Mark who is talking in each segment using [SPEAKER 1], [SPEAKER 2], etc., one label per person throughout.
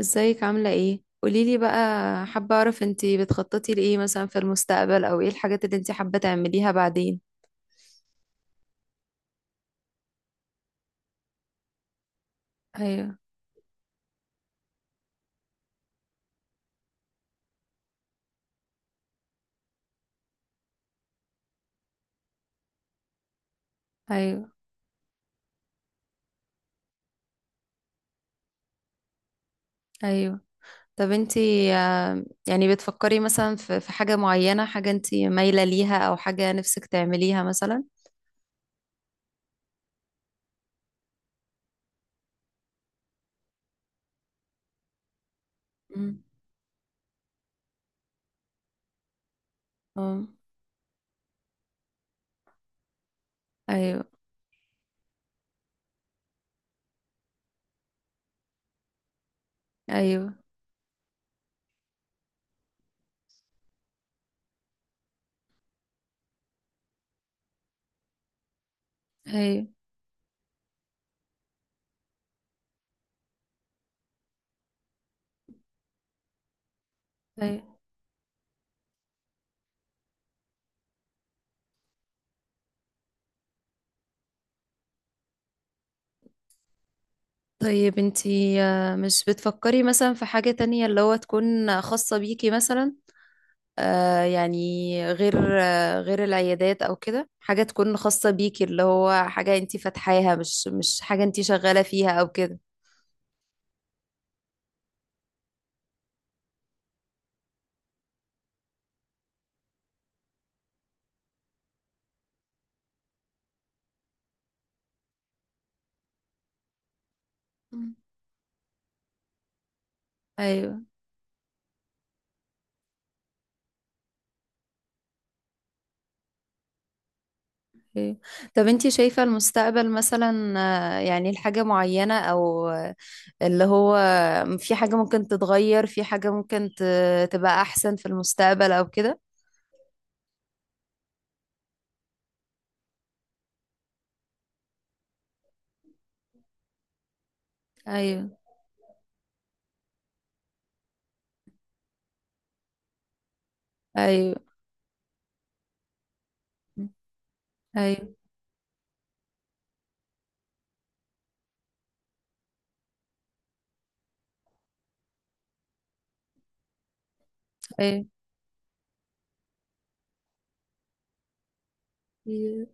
[SPEAKER 1] ازيك عاملة ايه؟ قوليلي بقى. حابة اعرف انتي بتخططي لإيه مثلا في المستقبل، او ايه الحاجات اللي انتي حابة تعمليها بعدين. ايوه، ايوه، ايوه. طب انتي، يعني بتفكري مثلا في حاجة معينة، حاجة انتي مايلة ليها، او حاجة نفسك تعمليها مثلا؟ مم. اه. ايوه، ايوه، ايوه، ايوه. طيب انتي، مش بتفكري مثلا في حاجة تانية اللي هو تكون خاصة بيكي مثلا. يعني غير غير العيادات او كده، حاجة تكون خاصة بيكي، اللي هو حاجة انتي فاتحاها، مش حاجة انتي شغالة فيها او كده. مم. ايوه، ايوه. طب انتي شايفة المستقبل مثلا، يعني الحاجة معينة، او اللي هو في حاجة ممكن تتغير، في حاجة ممكن تبقى احسن في المستقبل او كده. ايوه، ايوه، ايوه، ايوه،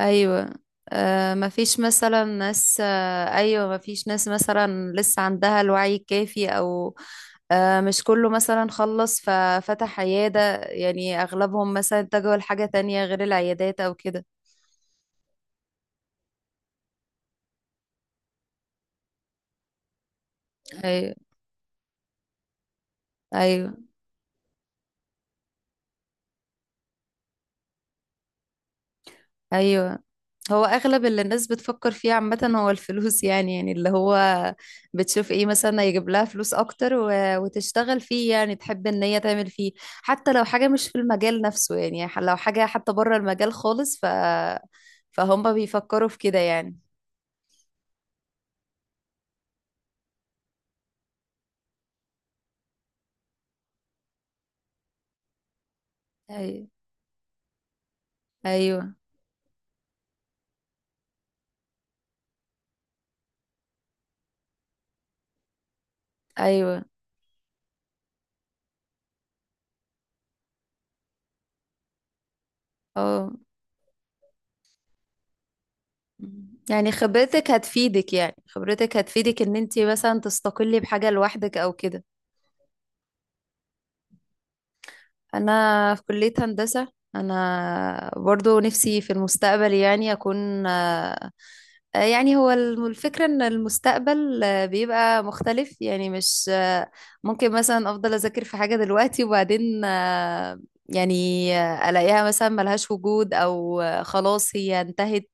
[SPEAKER 1] ايوه. مفيش مثلا ناس، ايوه، مفيش ناس مثلا لسه عندها الوعي الكافي او. مش كله مثلا خلص ففتح عيادة، يعني اغلبهم مثلا اتجهوا لحاجة تانية غير العيادات او كده. ايوه، ايوه، ايوه. هو اغلب اللي الناس بتفكر فيه عامة هو الفلوس، يعني اللي هو بتشوف ايه مثلا يجيب لها فلوس اكتر وتشتغل فيه، يعني تحب ان هي تعمل فيه، حتى لو حاجة مش في المجال نفسه، يعني لو حاجة حتى بره المجال خالص، فهم بيفكروا في كده يعني. ايوه، ايوه، ايوه، اه. يعني خبرتك هتفيدك، يعني خبرتك هتفيدك، ان انت مثلا تستقلي بحاجة لوحدك او كده. انا في كلية هندسة. انا برضو نفسي في المستقبل يعني اكون يعني هو الفكرة ان المستقبل بيبقى مختلف، يعني مش ممكن مثلا افضل اذاكر في حاجة دلوقتي، وبعدين يعني الاقيها مثلا ملهاش وجود، او خلاص هي انتهت،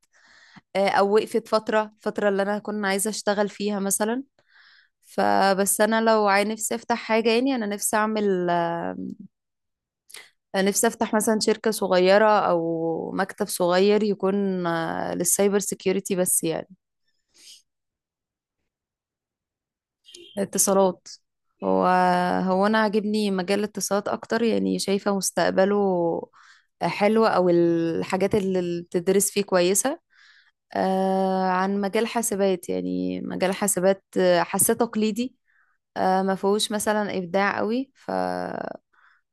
[SPEAKER 1] او وقفت فترة، الفترة اللي انا كنت عايزة اشتغل فيها مثلا. فبس انا لو نفسي افتح حاجة، يعني انا نفسي اعمل. أنا نفسي أفتح مثلا شركة صغيرة أو مكتب صغير يكون للسايبر سيكيورتي بس يعني. اتصالات. هو هو أنا عاجبني مجال الاتصالات أكتر، يعني شايفة مستقبله حلو، أو الحاجات اللي بتدرس فيه كويسة عن مجال حاسبات، يعني مجال حاسبات حاساه تقليدي، ما فيهوش مثلا إبداع قوي،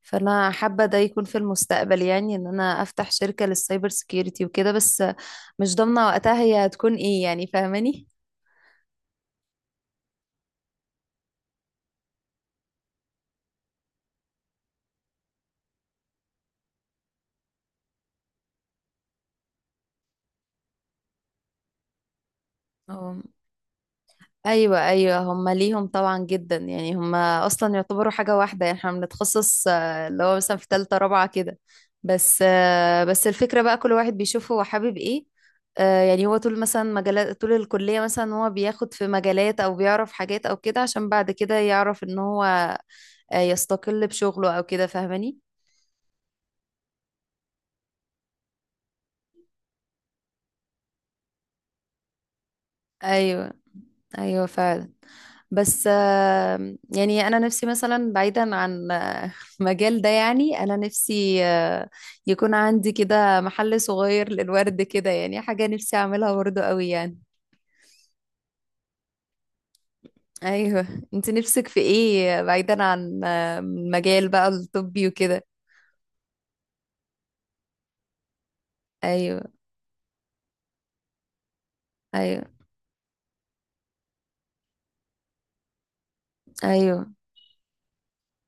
[SPEAKER 1] فانا حابه ده يكون في المستقبل، يعني ان انا افتح شركه للسايبر سيكيورتي وكده بس. مش ضامنة وقتها هي هتكون ايه، يعني فاهماني. اه، ايوه، ايوه. هما ليهم طبعا جدا، يعني هما اصلا يعتبروا حاجة واحدة، يعني احنا بنتخصص اللي هو مثلا في تالتة رابعة كده. بس الفكرة بقى كل واحد بيشوف هو حابب ايه. يعني هو طول مثلا طول الكلية مثلا هو بياخد في مجالات، او بيعرف حاجات او كده عشان بعد كده يعرف ان هو يستقل بشغله او كده، فاهماني. ايوه، ايوه فعلا. بس آه، يعني انا نفسي مثلا بعيدا عن المجال ده، يعني انا نفسي يكون عندي كده محل صغير للورد كده، يعني حاجة نفسي اعملها برضه قوي يعني. ايوه. انت نفسك في ايه بعيدا عن المجال بقى الطبي وكده؟ ايوه، ايوه، ايوه.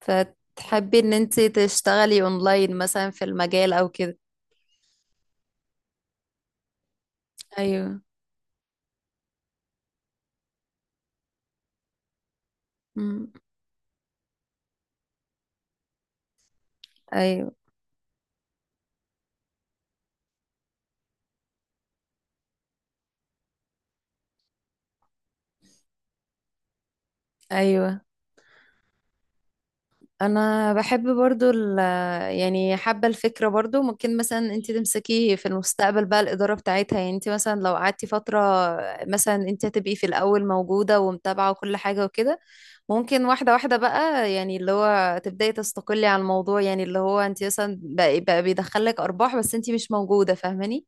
[SPEAKER 1] فتحبي ان انت تشتغلي اونلاين مثلا في المجال او كده؟ ايوه. مم. ايوه، ايوه. انا بحب برضو يعني حابة الفكرة، برضو ممكن مثلا انت تمسكي في المستقبل بقى الإدارة بتاعتها، يعني انت مثلا لو قعدتي فترة مثلا، انت هتبقي في الأول موجودة ومتابعة وكل حاجة وكده، ممكن واحدة واحدة بقى، يعني اللي هو تبدأي تستقلي على الموضوع، يعني اللي هو انت مثلا بقى بيدخلك أرباح بس انت مش موجودة، فاهماني.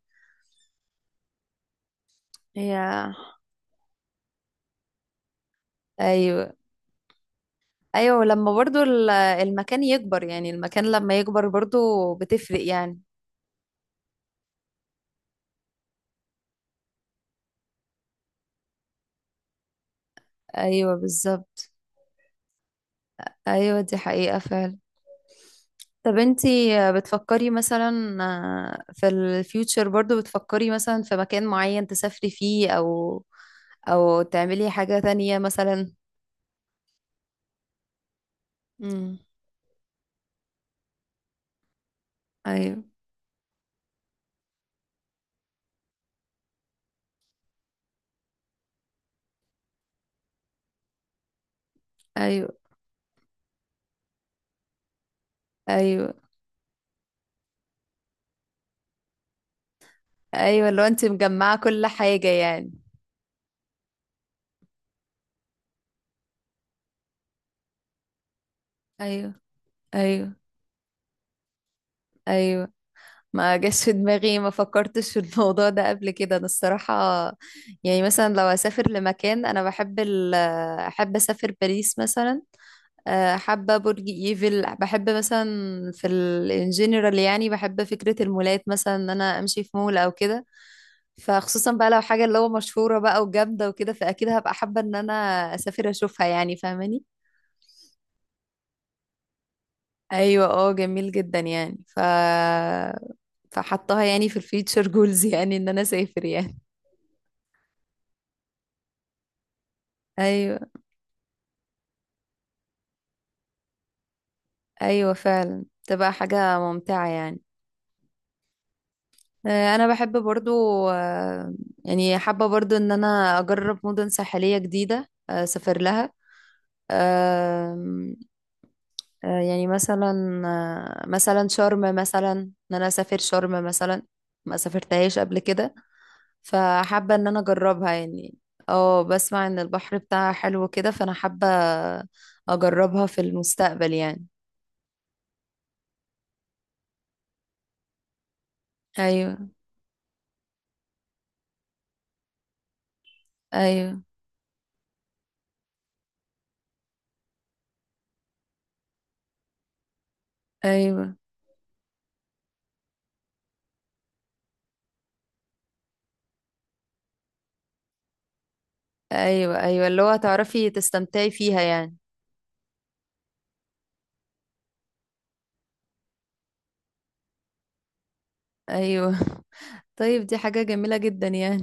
[SPEAKER 1] هي. ايوه، ايوه. لما برضو المكان يكبر، يعني المكان لما يكبر برضو بتفرق يعني. ايوه، بالظبط. ايوه، دي حقيقة فعلا. طب انتي، بتفكري مثلا، في الفيوتشر برضو بتفكري مثلا في مكان معين تسافري فيه، او تعملي حاجة تانية مثلا؟ امم. ايوه، ايوه، ايوه، ايوه. لو انتي مجمعة كل حاجة يعني. ايوه، ايوه، ايوه. ما جاش في دماغي، ما فكرتش في الموضوع ده قبل كده انا الصراحة. يعني مثلا لو اسافر لمكان، انا بحب احب اسافر باريس مثلا. حابة برج ايفل، بحب مثلا في الجنرال، يعني بحب فكرة المولات مثلا، ان انا امشي في مول او كده، فخصوصا بقى لو حاجة اللي هو مشهورة بقى وجامدة وكده، فاكيد هبقى حابة ان انا اسافر اشوفها يعني، فاهماني. ايوه، اه جميل جدا يعني، فحطها يعني في الفيتشر جولز، يعني ان انا اسافر يعني. ايوه، ايوه فعلا، تبقى حاجة ممتعة يعني. انا بحب برضو آه، يعني حابة برضو ان انا اجرب مدن ساحلية جديدة، اسافر لها. آم، يعني مثلا مثلا شرم، مثلا ان انا اسافر شرم مثلا، ما سافرتهاش قبل كده، فحابة ان انا اجربها يعني. اه، بسمع ان البحر بتاعها حلو كده، فانا حابة اجربها في المستقبل يعني. ايوه، ايوه، ايوه، ايوه، ايوه. اللي هو تعرفي تستمتعي فيها يعني. ايوه. طيب دي حاجة جميلة جدا يعني.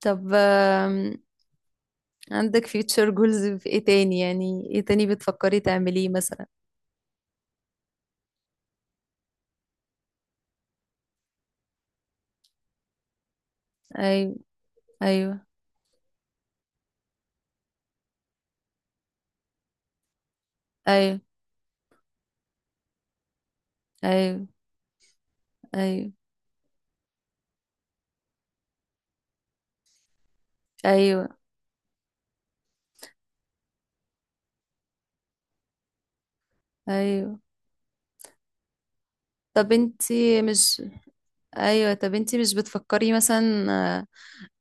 [SPEAKER 1] طب عندك future goals في ايه تاني، يعني ايه تاني بتفكري تعمليه مثلا؟ ايوه، ايوه، ايوه، ايوه، ايوه، ايوه، ايوه. طب انتي مش ايوه، طب انتي مش بتفكري مثلا، آه،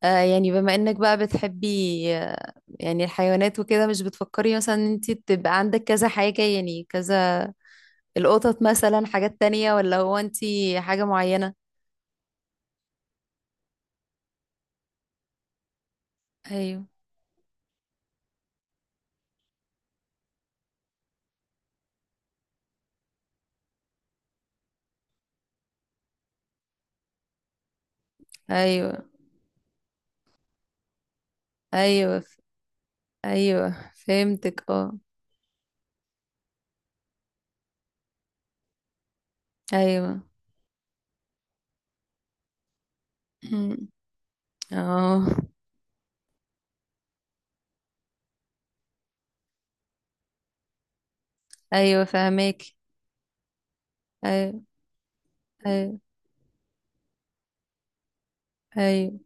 [SPEAKER 1] يعني بما انك بقى بتحبي آه، يعني الحيوانات وكده، مش بتفكري مثلا ان انتي تبقى عندك كذا حاجة، يعني كذا، القطط مثلا، حاجات تانية، ولا هو انتي حاجة معينة؟ ايوه، ايوه، ايوه، ايوه فهمتك، اه. ايوه. أمم. اه، ايوه فهمك. ايوه، ايوه، ايوه.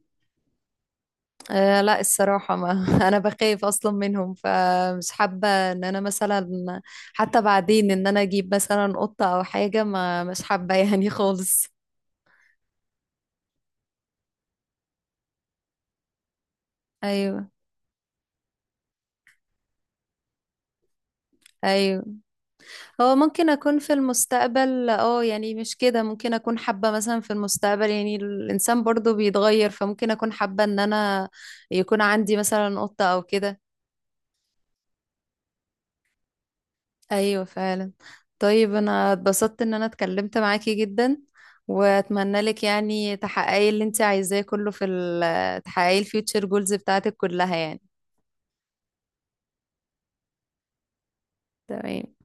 [SPEAKER 1] لا الصراحه ما انا بخاف اصلا منهم، فمش حابه ان انا مثلا حتى بعدين ان انا اجيب مثلا قطه او حاجه، ما مش حابه يعني خالص. ايوه، ايوه. هو ممكن اكون في المستقبل يعني مش كده، ممكن اكون حابه مثلا في المستقبل، يعني الانسان برضو بيتغير، فممكن اكون حابه ان انا يكون عندي مثلا قطه او كده. ايوه فعلا. طيب انا اتبسطت ان انا اتكلمت معاكي جدا، واتمنى لك يعني تحققي اللي انت عايزاه كله في تحققي الفيوتشر جولز بتاعتك كلها يعني. تمام.